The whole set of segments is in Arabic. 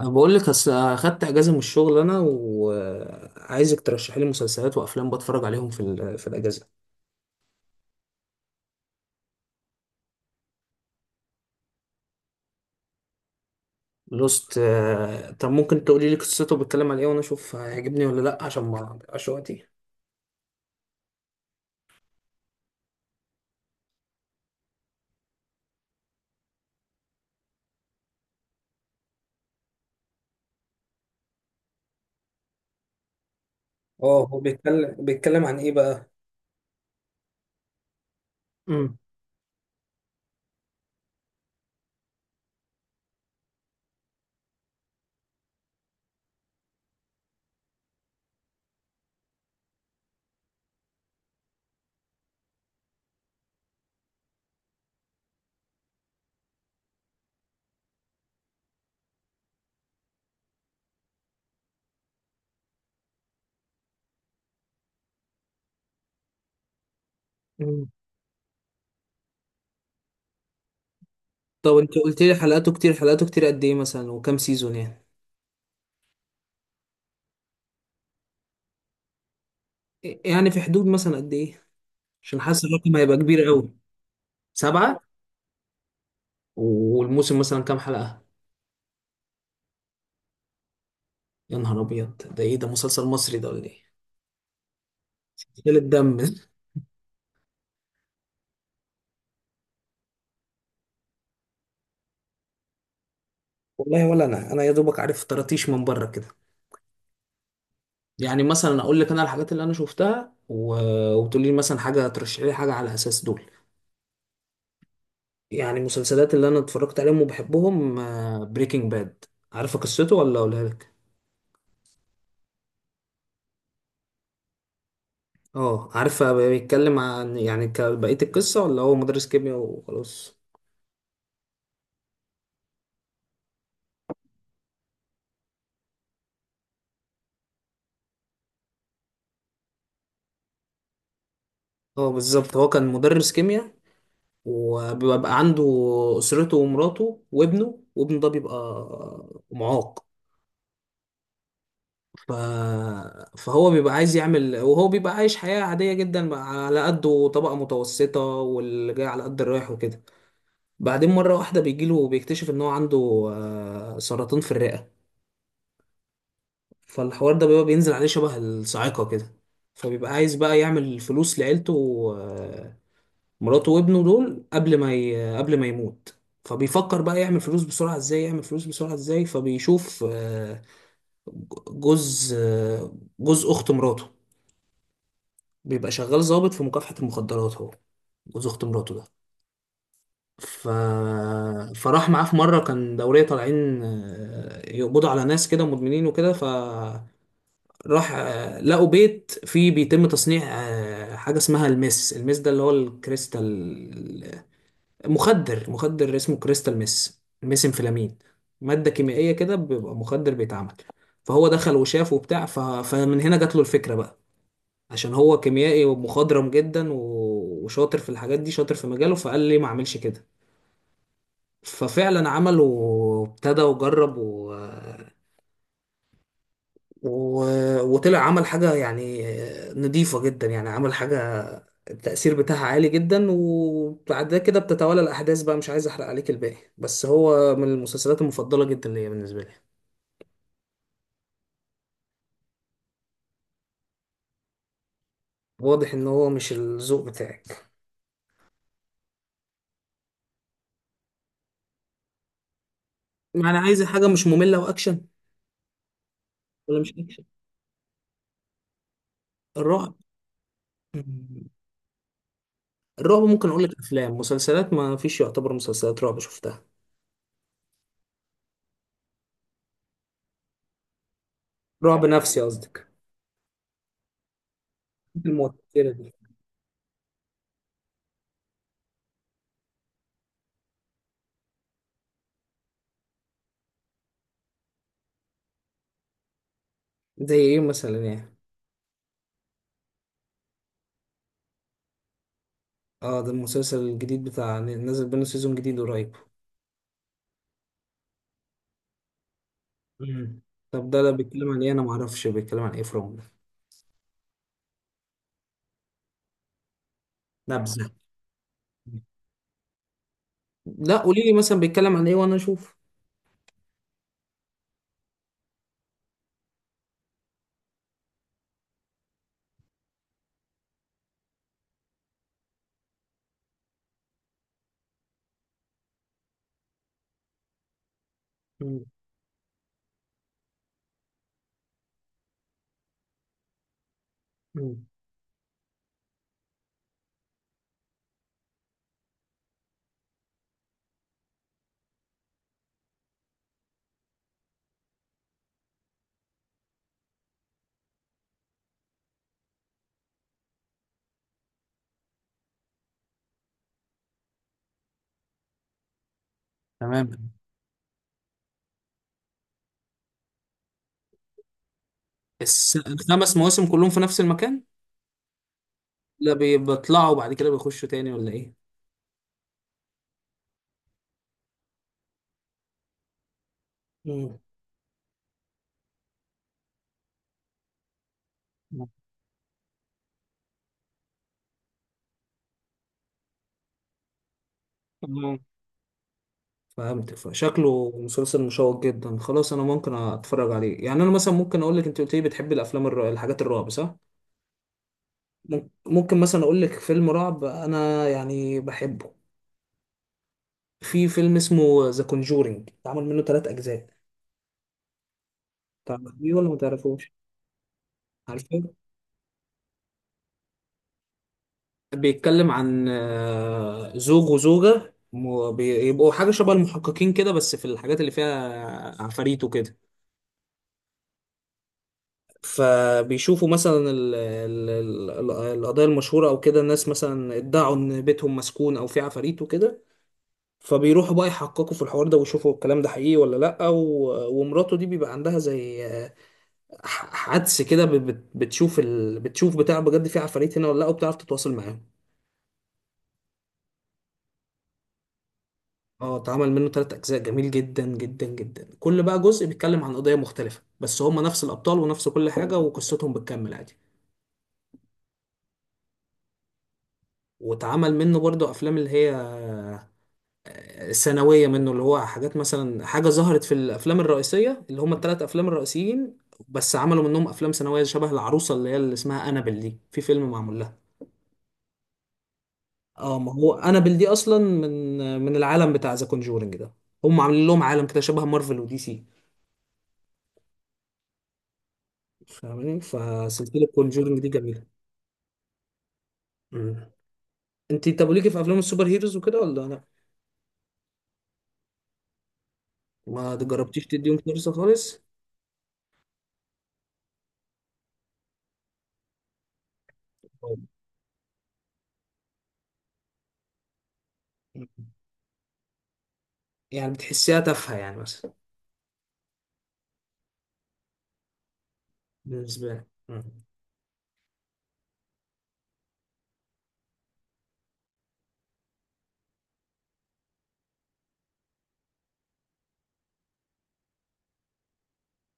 أنا بقول لك اصل اخدت اجازه من الشغل انا وعايزك ترشحي لي مسلسلات وافلام بتفرج عليهم في الاجازه. لوست، آه، طب ممكن تقولي لي قصته بيتكلم عن ايه وانا اشوف هيعجبني ولا لا عشان ما اضيعش وقتي؟ اه، هو بيتكلم عن ايه بقى؟ امم. أمم. طب انت قلت لي حلقاته كتير، حلقاته كتير قد ايه مثلا وكم سيزون يعني؟ إيه، يعني في حدود مثلا قد ايه؟ عشان حاسس الرقم هيبقى كبير قوي. سبعة. والموسم مثلا كام حلقه؟ يا نهار ابيض، ده ايه ده، مسلسل مصري ده ولا ايه؟ قلة الدم والله ولا انا يا دوبك عارف طراطيش من بره كده. يعني مثلا اقول لك انا الحاجات اللي انا شفتها وتقول لي مثلا حاجه، ترشحي لي حاجه على اساس دول. يعني المسلسلات اللي انا اتفرجت عليهم وبحبهم: بريكنج باد. عارفه قصته ولا اقولها لك؟ اه عارفه بيتكلم عن يعني بقيه القصه، ولا هو مدرس كيمياء وخلاص؟ اه بالظبط، هو كان مدرس كيمياء، وبيبقى عنده اسرته ومراته وابنه، وابنه ده بيبقى معاق. ف... فهو بيبقى عايز يعمل، وهو بيبقى عايش حياة عادية جدا، على قده، طبقة متوسطة واللي جاي على قد الرايح وكده. بعدين مرة واحدة بيجيله وبيكتشف إن هو عنده، سرطان في الرئة. فالحوار ده بيبقى بينزل عليه شبه الصاعقة كده. فبيبقى عايز بقى يعمل فلوس لعيلته، آه، مراته وابنه دول، قبل ما يموت. فبيفكر بقى يعمل فلوس بسرعة، ازاي فبيشوف، جوز آه، جوز اخت مراته، بيبقى شغال ضابط في مكافحة المخدرات، هو جوز اخت مراته ده. ف... فراح معاه في مرة كان دورية طالعين، يقبضوا على ناس كده مدمنين وكده، فراح لقوا بيت فيه بيتم تصنيع حاجة اسمها المس ده اللي هو الكريستال. مخدر اسمه كريستال مس، ميس انفلامين، مادة كيميائية كده، بيبقى مخدر بيتعمل. فهو دخل وشاف وبتاع، فمن هنا جات له الفكرة بقى، عشان هو كيميائي ومخضرم جدا و- وشاطر في الحاجات دي، شاطر في مجاله، فقال ليه ما اعملش كده. ففعلا عمل وابتدى وجرب و... وطلع عمل حاجة يعني نضيفة جدا، يعني عمل حاجة التأثير بتاعها عالي جدا، وبعد كده بتتوالى الأحداث بقى. مش عايز أحرق عليك الباقي، بس هو من المسلسلات المفضلة جدا ليا بالنسبة لي. واضح إن هو مش الذوق بتاعك. يعني عايز حاجة مش مملة وأكشن ولا مش أكشن؟ الرعب. الرعب ممكن اقول لك افلام، مسلسلات ما فيش يعتبر مسلسلات رعب شفتها. رعب نفسي قصدك؟ المؤثرة دي. زي ايه مثلا يعني؟ اه ده المسلسل الجديد بتاع، نازل منه سيزون جديد قريب. مم. طب ده بيتكلم عن ايه؟ انا ما اعرفش بيتكلم عن ايه فروم ده. نبذة. لا قولي لي مثلا بيتكلم عن ايه وانا اشوف. مم. مم. تمام. الخمس مواسم كلهم في نفس المكان؟ لا بيطلعوا بعد كده بيخشوا تاني ولا ايه؟ مم. فهمتك، فشكله مسلسل مشوق جدا، خلاص انا ممكن اتفرج عليه. يعني انا مثلا ممكن اقول لك، انت قلت لي بتحبي الافلام الحاجات الرعب صح؟ ممكن مثلا اقول لك فيلم رعب انا يعني بحبه. في فيلم اسمه ذا كونجورينج، اتعمل منه ثلاث اجزاء. تعرفيه ولا ما تعرفوش؟ عارفين، بيتكلم عن، زوج وزوجة بيبقوا حاجة شبه المحققين كده، بس في الحاجات اللي فيها عفاريت وكده. فبيشوفوا مثلا القضايا المشهورة أو كده، الناس مثلا ادعوا إن بيتهم مسكون أو في عفاريت وكده، فبيروحوا بقى يحققوا في الحوار ده ويشوفوا الكلام ده حقيقي ولا لأ، ومراته دي بيبقى عندها زي، حدس كده، بتشوف بتشوف بتاع بجد، في عفاريت هنا ولا لأ، وبتعرف تتواصل معاهم. اه اتعمل منه تلات أجزاء، جميل جدا جدا جدا. كل بقى جزء بيتكلم عن قضية مختلفة، بس هما نفس الأبطال ونفس كل حاجة، وقصتهم بتكمل عادي. واتعمل منه برضه أفلام اللي هي ثانوية منه، اللي هو حاجات مثلا حاجة ظهرت في الأفلام الرئيسية، اللي هم الثلاث أفلام الرئيسيين، بس عملوا منهم أفلام ثانوية، شبه العروسة اللي هي اللي اسمها أنابل، دي في فيلم معمول لها. اه ما هو أنابل دي أصلا من العالم بتاع ذا كونجورنج ده. هم عاملين لهم عالم كده شبه مارفل ودي سي. فاهمني، فسلسلة كونجورنج دي جميلة. مم. انت طب ليكي في أفلام السوبر هيروز وكده ولا لا؟ ما جربتيش تديهم فرصة خالص؟ مم. يعني بتحسيها تافهة يعني مثلا؟ بالنسبة لك. مم.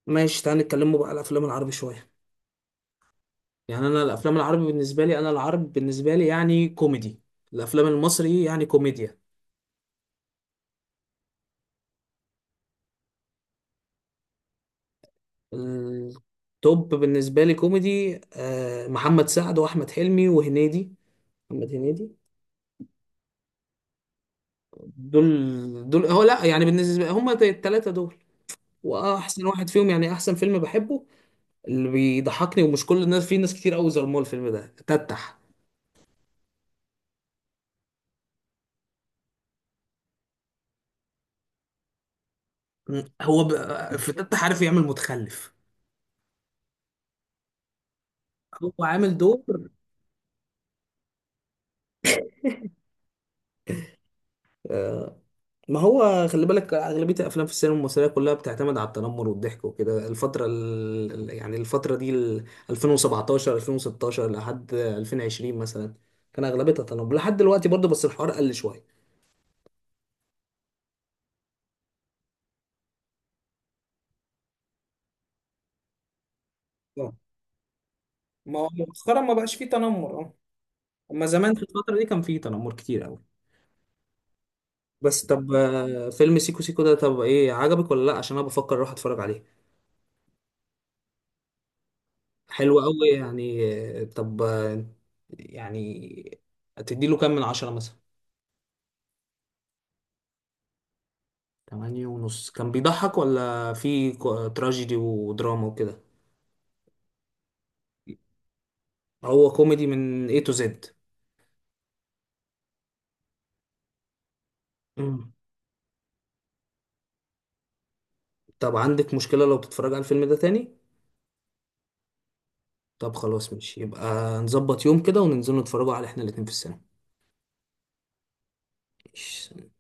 ماشي، تعالى نتكلموا بقى على الافلام العربي شويه. يعني انا الافلام العربي بالنسبه لي، انا العرب بالنسبه لي يعني كوميدي، الافلام المصري يعني كوميديا. التوب بالنسبه لي كوميدي، محمد سعد، واحمد حلمي، وهنيدي، محمد هنيدي. دول هو لا، يعني بالنسبه هم الثلاثه دول، واحسن واحد فيهم يعني احسن فيلم بحبه، اللي بيضحكني ومش كل الناس، في ناس كتير قوي ظلموه، الفيلم ده تتح. هو في تتح عارف يعمل متخلف، هو عامل دور. آه، ما هو خلي بالك، أغلبية الأفلام في السينما المصرية كلها بتعتمد على التنمر والضحك وكده. الفترة دي، ال 2017 2016 لحد 2020 مثلا، كان أغلبيتها تنمر، لحد دلوقتي برضه بس الحوار قل شوية. آه. ما هو مؤخرا ما بقاش فيه تنمر، اه. أما زمان في الفترة دي كان فيه تنمر كتير قوي. بس طب، فيلم سيكو سيكو ده طب إيه، عجبك ولا لأ؟ عشان أنا بفكر أروح أتفرج عليه. حلو قوي يعني؟ طب، يعني هتديله كام من 10 مثلا؟ تمانية ونص؟ كان بيضحك ولا في تراجيدي ودراما وكده؟ هو كوميدي من A to Z. مم. طب عندك مشكلة لو تتفرج على الفيلم ده تاني؟ طب خلاص ماشي، يبقى نظبط يوم كده وننزل نتفرجوا، على احنا الاتنين في السينما. ماشي.